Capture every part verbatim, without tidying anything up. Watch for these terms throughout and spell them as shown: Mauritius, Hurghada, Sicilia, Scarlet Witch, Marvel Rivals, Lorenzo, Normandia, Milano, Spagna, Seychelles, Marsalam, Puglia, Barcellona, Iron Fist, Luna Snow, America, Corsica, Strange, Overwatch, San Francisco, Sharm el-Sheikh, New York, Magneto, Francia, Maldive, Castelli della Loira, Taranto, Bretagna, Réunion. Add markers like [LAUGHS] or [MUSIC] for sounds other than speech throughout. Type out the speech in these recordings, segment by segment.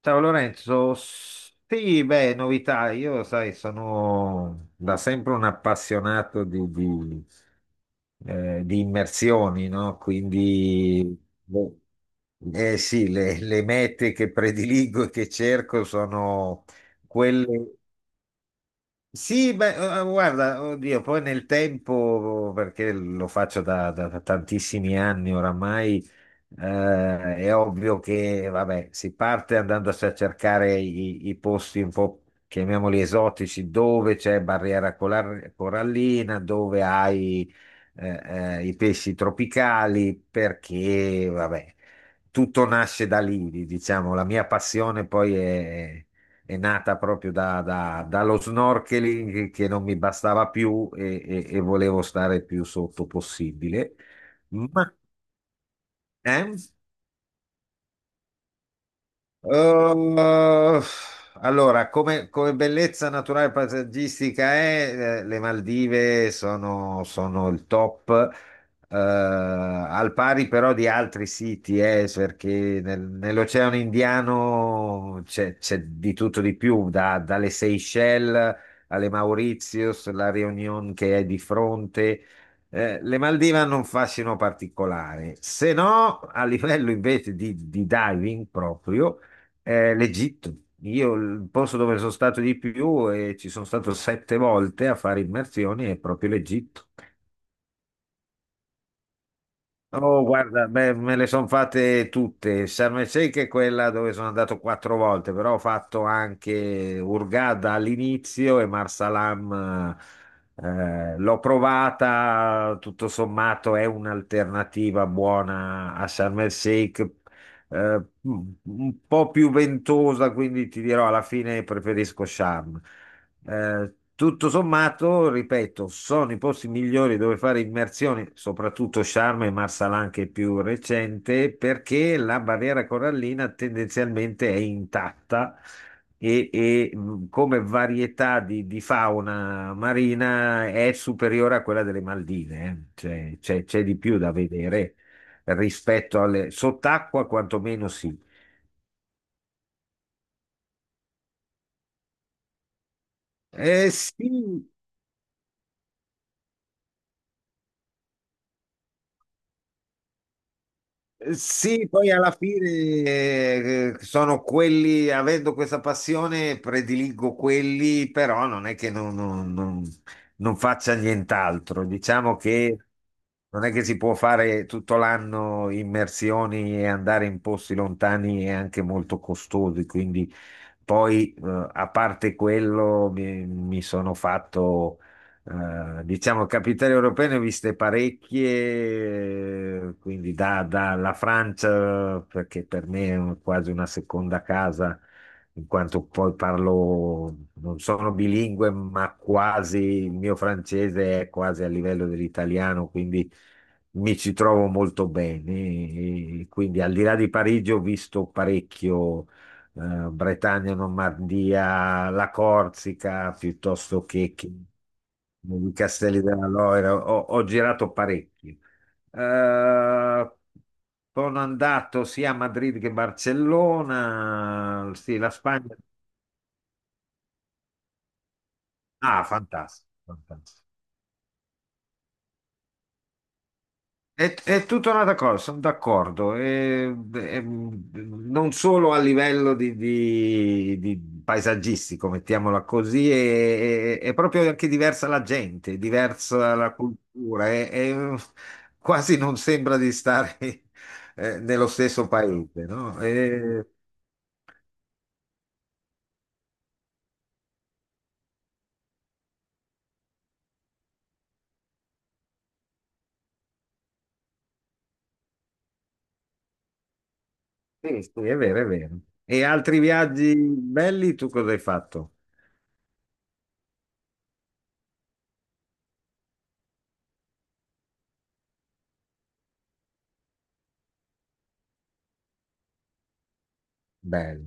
Ciao Lorenzo, sì, beh, novità, io sai, sono da sempre un appassionato di, di, eh, di immersioni, no? Quindi, boh, eh sì, le, le mete che prediligo e che cerco sono. Mm. Quelle sì, beh, eh, eh, guarda, oddio, poi nel tempo, perché lo faccio da, da- da tantissimi anni oramai, eh, è ovvio che, vabbè, si parte andando a cercare i, i posti un po', chiamiamoli esotici, dove c'è barriera colar- corallina, dove hai, eh, eh, i pesci tropicali, perché, vabbè, tutto nasce da lì, diciamo, la mia passione poi è nata proprio da- da- dallo snorkeling che non mi bastava più e, e- e volevo stare più sotto possibile. Ma, eh? Eh, allora, come, come bellezza naturale paesaggistica è, eh, le Maldive sono, sono il top, eh, al pari però di altri siti, eh, perché nel- nell'Oceano Indiano c'è c'è di tutto di più, da- dalle Seychelles alle Mauritius, la Réunion che è di fronte. Eh, le Maldive hanno un fascino particolare, se no a livello invece di, di diving proprio, eh, l'Egitto. Io il posto dove sono stato di più e ci sono stato sette volte a fare immersioni è proprio l'Egitto. Oh, guarda, beh, me le sono fatte tutte. Sharm el-Sheikh è quella dove sono andato quattro volte, però ho fatto anche Hurghada all'inizio e Marsalam. Eh, l'ho provata, tutto sommato è un'alternativa buona a Sharm el-Sheikh, eh, un po' più ventosa, quindi ti dirò alla fine preferisco Sharm. Eh, tutto sommato, ripeto, sono i posti migliori dove fare immersioni, soprattutto Sharm e Marsalan che è più recente, perché la barriera corallina tendenzialmente è intatta e, e, mh, come varietà di, di fauna marina è superiore a quella delle Maldive, eh. Cioè, c'è c'è di più da vedere rispetto alle sott'acqua, quantomeno sì. Eh, sì. Sì, poi alla fine eh, sono quelli, avendo questa passione, prediligo quelli, però non è che non, non- non- non faccia nient'altro. Diciamo che non è che si può fare tutto l'anno immersioni e andare in posti lontani e anche molto costosi, quindi poi, eh, a parte quello, mi, mi sono fatto, eh, diciamo, capitali europee, ne ho viste parecchie, eh, quindi da, dalla Francia, perché per me è un- quasi una seconda casa, in quanto poi parlo, non sono bilingue, ma quasi, il mio francese è quasi a livello dell'italiano, quindi mi ci trovo molto bene. E quindi al di là di Parigi ho visto parecchio eh, Bretagna, Normandia, la Corsica, piuttosto che, che i Castelli della Loira. Ho, ho girato parecchio. Eh, sono andato sia a Madrid che a Barcellona. Sì, la Spagna. Ah, fantastico, fantastico. È, è tutta un'altra cosa, sono d'accordo. E- e- non solo a livello di, di- di paesaggistico, mettiamola così, è, è- è proprio anche diversa la gente, è diversa la cultura, è- è- quasi non sembra di stare [LAUGHS] eh, nello stesso paese, no? E- sì, sì, è vero, è vero. E altri viaggi belli, tu cosa hai fatto? Belli.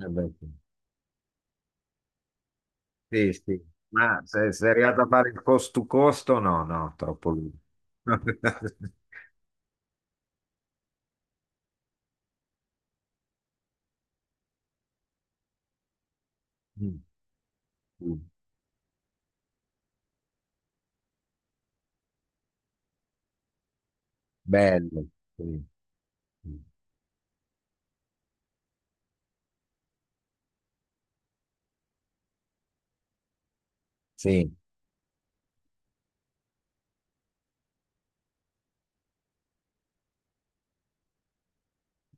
Eh beh, sì. Sì, sì. Ma se sei arrivato a fare il cost to costo, no, no, troppo lungo. [LAUGHS] Mm, mm. Bello, sì, mm. Sì,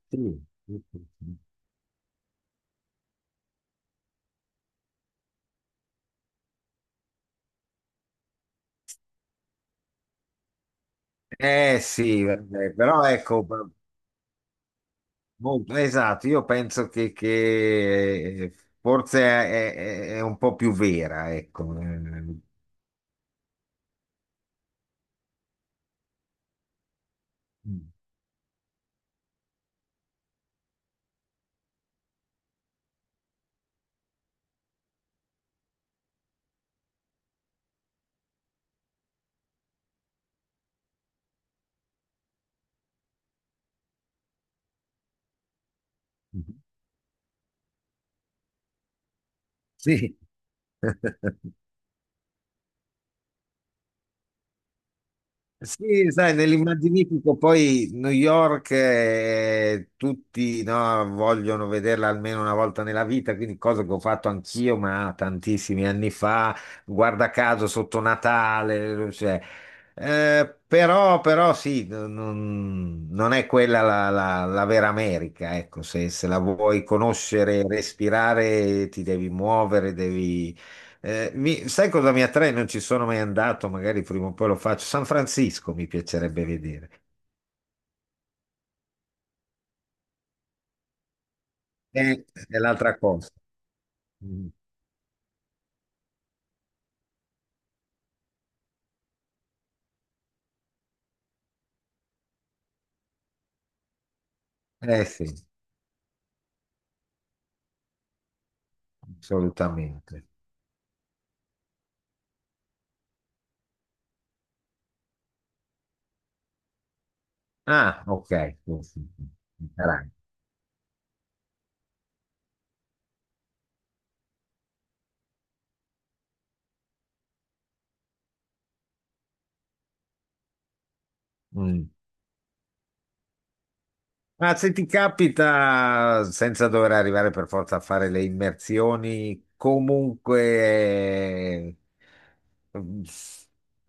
sì. Sì, sì, sì. Eh sì, vabbè, però ecco, b- molto- esatto, io penso che, che eh, forse è, è- è un po' più vera, ecco. Eh, mm, mm. Sì. [LAUGHS] Sì, sai, nell'immaginifico poi New York eh, tutti no, vogliono vederla almeno una volta nella vita, quindi cosa che ho fatto anch'io, ma tantissimi anni fa, guarda caso sotto Natale, cioè, eh, però, però sì, n- non, non è quella la, la- la vera America, ecco, se, se la vuoi conoscere, respirare, ti devi muovere, devi eh, mi- sai cosa mi attrae? Non ci sono mai andato, magari prima o poi lo faccio. San Francisco mi piacerebbe vedere. Eh, è l'altra cosa. Mm. Eh sì, assolutamente. Ah, ok. Sì, sì, sì. Carai. Mm. Ma se ti capita, senza dover arrivare per forza a fare le immersioni, comunque, eh,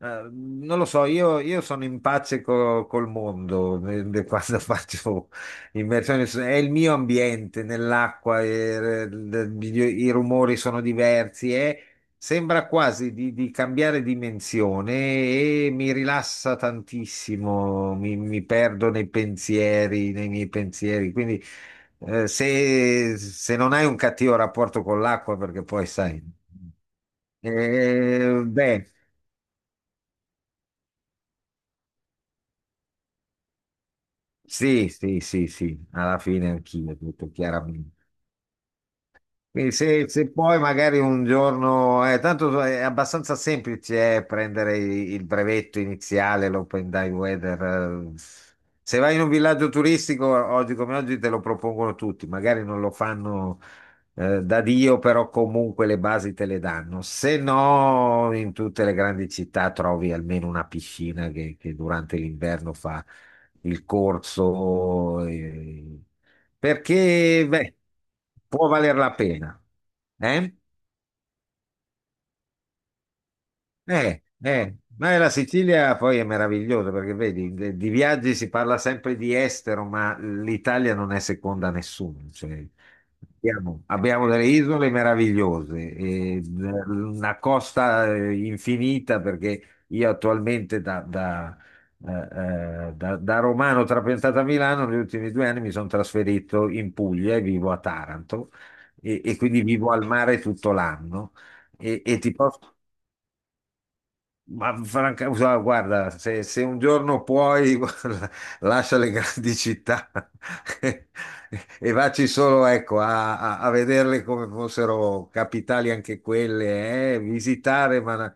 mm, non lo so, io, io sono in pace co- col mondo eh, quando [LAUGHS] faccio immersioni, è il mio ambiente nell'acqua, eh, i, i rumori sono diversi. Sembra quasi di, di cambiare dimensione e mi rilassa tantissimo, mi, mi perdo nei pensieri, nei miei pensieri. Quindi eh, se, se non hai un cattivo rapporto con l'acqua, perché poi sai, eh, beh, sì, sì, sì, sì, alla fine anch'io, tutto chiaramente. Quindi se, se poi magari un giorno, eh, tanto eh, è abbastanza semplice eh, prendere i- il brevetto iniziale, l'Open Dive Weather. Eh. Se vai in un villaggio turistico, oggi come oggi te lo propongono tutti, magari non lo fanno eh, da Dio, però comunque le basi te le danno. Se no, in tutte le grandi città trovi almeno una piscina che, che durante l'inverno fa il corso, eh, perché beh, può valer la pena. Eh? Eh, eh, ma la Sicilia poi è meravigliosa perché vedi, de- di viaggi si parla sempre di estero, ma l'Italia non è seconda a nessuno. Cioè, abbiamo, abbiamo delle isole meravigliose, e d- una costa eh, infinita perché io attualmente da, da, eh, eh, da- da romano trapiantato a Milano, negli ultimi due anni mi sono trasferito in Puglia e vivo a Taranto e, e quindi vivo al mare tutto l'anno. E, e ti posso ma franca, guarda, guarda, se, se un giorno puoi, [LAUGHS] guarda, lascia le grandi città [LAUGHS] e vacci solo, ecco, a, a- a vederle come fossero capitali anche quelle, eh, visitare, ma la,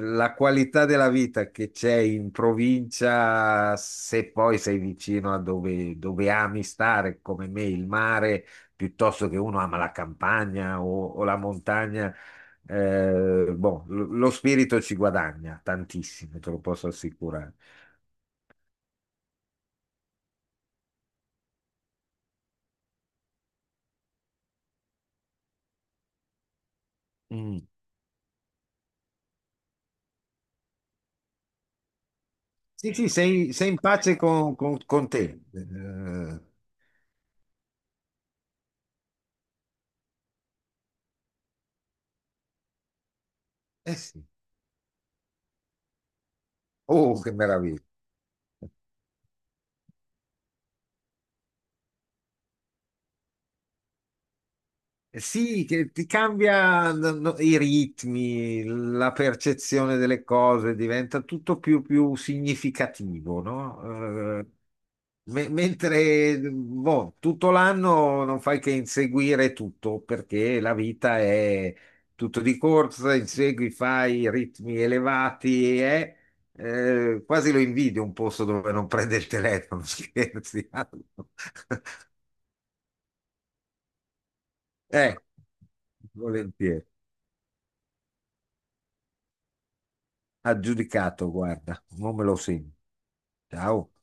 la qualità della vita che c'è in provincia, se poi sei vicino a dove, dove ami stare, come me, il mare, piuttosto che uno ama la campagna o o la montagna. Eh, boh, lo lo spirito ci guadagna tantissimo, te lo posso assicurare. Mm. Sì, sì, sei, sei in pace con, con- con te. Eh, eh sì. Oh, che meraviglia. Eh sì, che ti cambia no, no, i ritmi, la percezione delle cose, diventa tutto più, più significativo, no? Eh, me- mentre boh, tutto l'anno non fai che inseguire tutto, perché la vita è tutto di corsa, insegui, fai ritmi elevati e eh, quasi lo invidio un posto dove non prende il telefono, [LAUGHS] scherzi. [LAUGHS] Eh, volentieri. Aggiudicato, guarda, non me lo segno. Ciao.